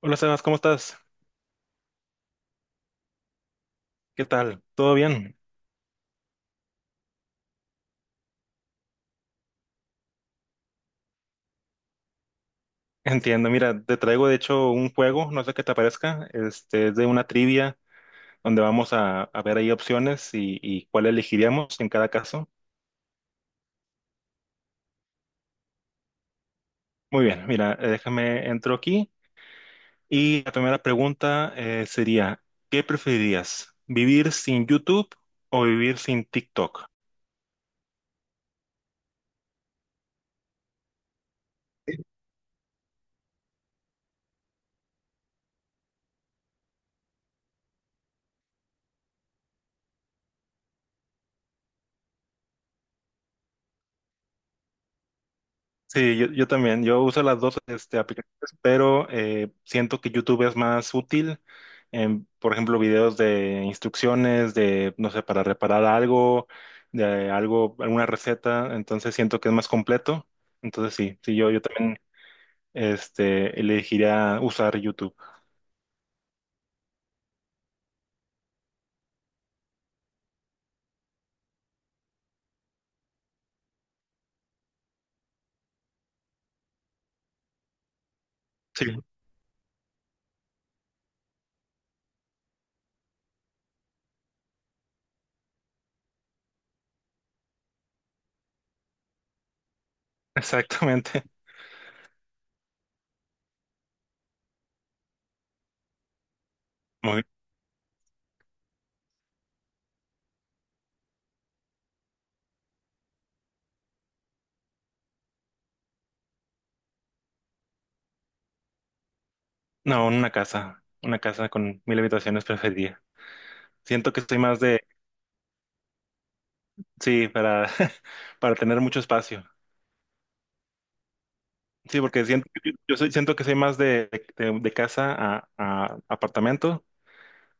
Hola Sebas, ¿cómo estás? ¿Qué tal? ¿Todo bien? Entiendo, mira, te traigo de hecho un juego, no sé qué te parezca, este, es de una trivia donde vamos a ver ahí opciones y cuál elegiríamos en cada caso. Muy bien, mira, déjame entro aquí y la primera pregunta sería, ¿qué preferirías? ¿Vivir sin YouTube o vivir sin TikTok? Sí, yo también, yo uso las dos este, aplicaciones, pero siento que YouTube es más útil en, por ejemplo, videos de instrucciones, de, no sé, para reparar algo, de algo, alguna receta, entonces siento que es más completo. Entonces sí, sí, yo también este, elegiría usar YouTube. Sí, exactamente. Bien. No, una casa con mil habitaciones preferiría. Siento que estoy más de, sí, para, para tener mucho espacio. Sí, porque siento, yo soy, siento que soy más de, de casa a apartamento.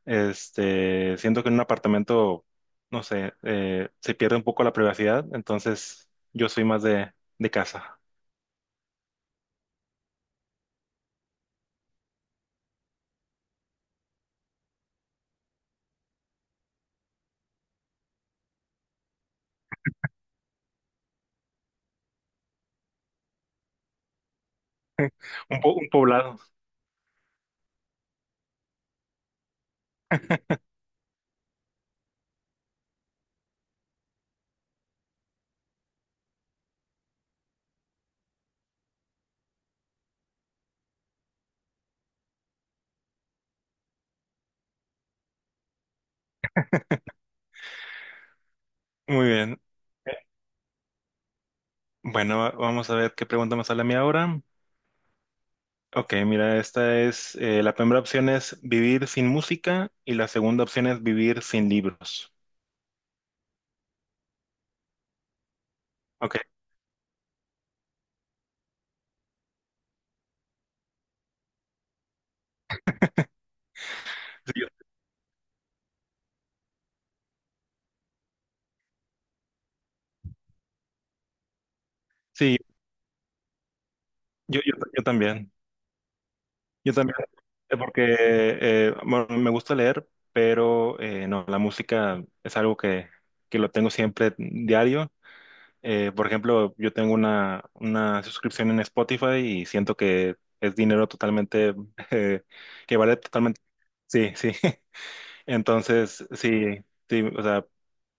Este, siento que en un apartamento, no sé, se pierde un poco la privacidad, entonces yo soy más de casa. Un, un poblado. Muy bien. Bueno, vamos a ver qué pregunta me sale a mí ahora. Ok, mira, esta es, la primera opción es vivir sin música y la segunda opción es vivir sin libros. Ok, sí, yo, sí, yo, yo también. Yo también, porque bueno, me gusta leer, pero no, la música es algo que lo tengo siempre diario. Por ejemplo, yo tengo una suscripción en Spotify y siento que es dinero totalmente, eh, que vale totalmente. Sí, sí. Entonces, sí, sí, o sea,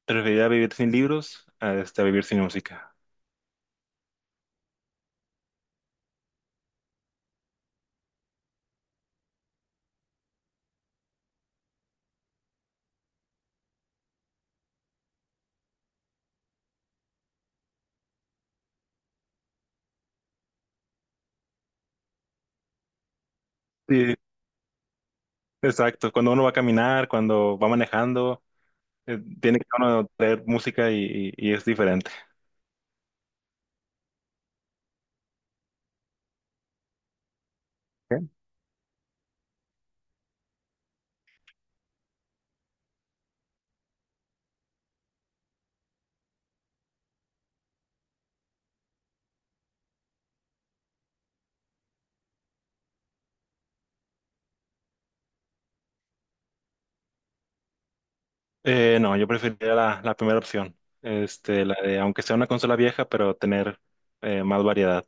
preferiría vivir sin libros a este, a vivir sin música. Sí, exacto. Cuando uno va a caminar, cuando va manejando. Tiene que uno traer música y es diferente. ¿Qué? No, yo preferiría la, la primera opción. Este, la de, aunque sea una consola vieja, pero tener más variedad.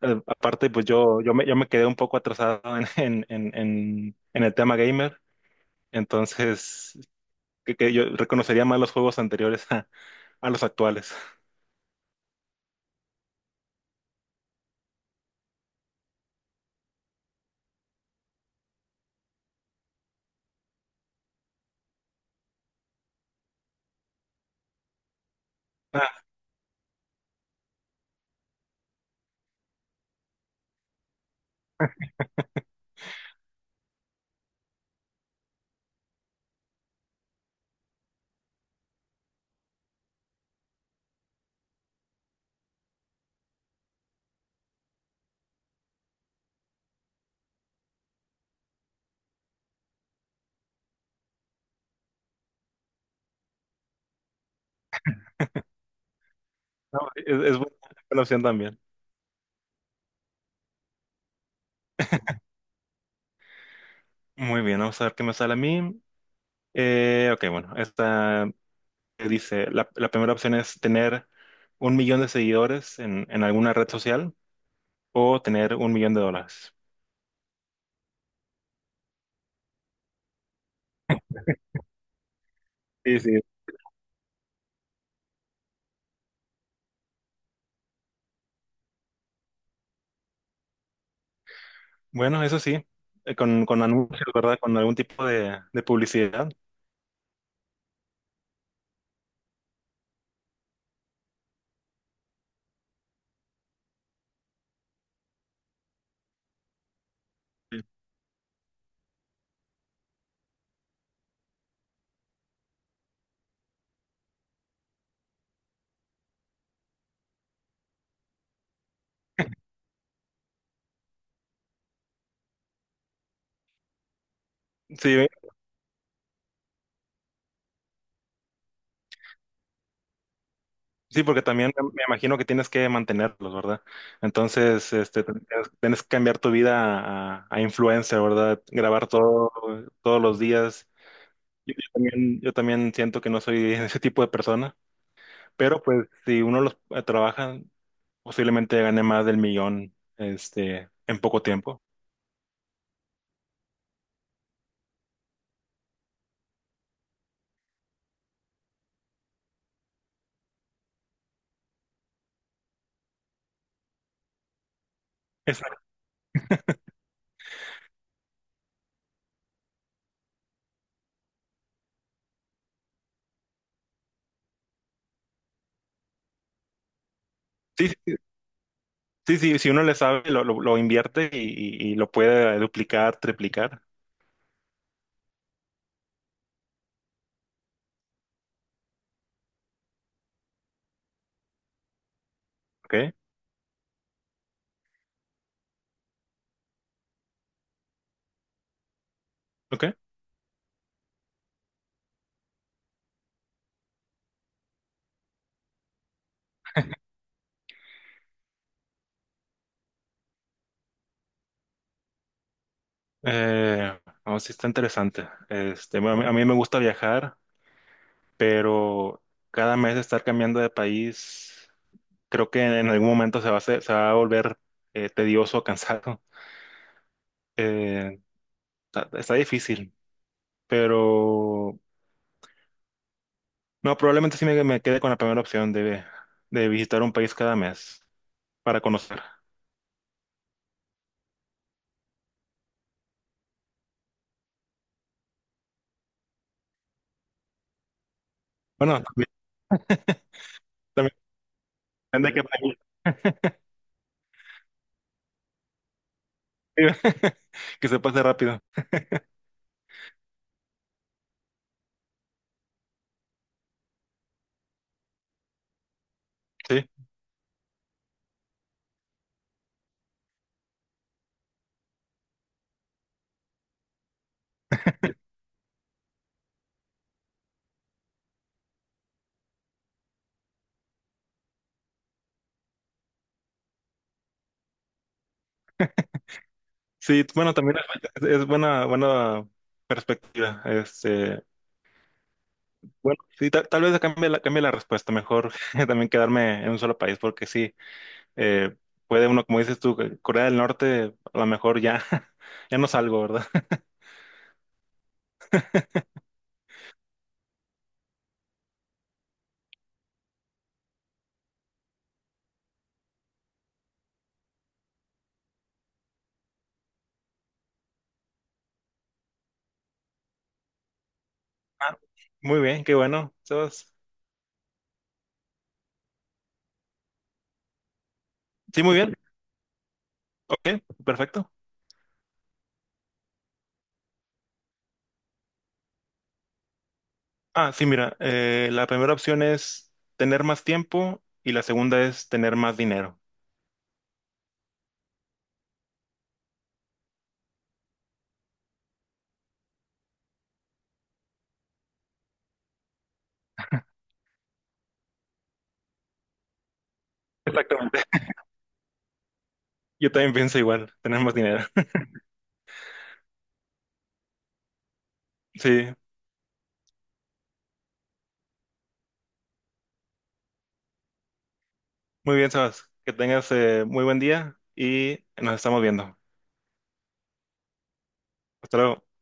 Aparte, pues yo, yo me quedé un poco atrasado en, en el tema gamer. Entonces, que yo reconocería más los juegos anteriores a los actuales. Ah, no, es buena opción también. Muy bien, vamos a ver qué me sale a mí. Ok, bueno, esta dice, la primera opción es tener un millón de seguidores en alguna red social o tener un millón de dólares. Sí, sí. Bueno, eso sí, con anuncios, ¿verdad? Con algún tipo de publicidad. Sí, sí, sí, porque también me imagino que tienes que mantenerlos, ¿verdad? Entonces, este, tienes, tienes que cambiar tu vida a influencer, ¿verdad? Grabar todo, todos los días. Yo, yo también siento que no soy ese tipo de persona, pero pues si uno los trabaja posiblemente gane más del millón, este, en poco tiempo. Exacto. Sí, sí, sí, si uno le sabe, lo invierte y, y lo puede duplicar, triplicar. ¿Ok? ¿Ok? No, sí está interesante. Este, bueno, a mí me gusta viajar, pero cada mes estar cambiando de país, creo que en algún momento se va a se va a volver tedioso, cansado. Eh, está, está difícil, pero no, probablemente sí me quede con la primera opción de visitar un país cada mes para conocer. Bueno, también, también depende de qué país, que se pase rápido. Sí, sí, bueno, también es buena, buena perspectiva. Este, bueno, sí, tal, tal vez cambie la respuesta. Mejor también quedarme en un solo país, porque sí, eh, puede uno, como dices tú, Corea del Norte, a lo mejor ya, ya no salgo, ¿verdad? Ah, muy bien, qué bueno, Sebas. Sí, muy bien. Ok, perfecto. Ah, sí, mira, la primera opción es tener más tiempo y la segunda es tener más dinero. Exactamente. Yo también pienso igual, tener más dinero. Sí, muy bien, Sabas. Que tengas muy buen día y nos estamos viendo. Hasta luego.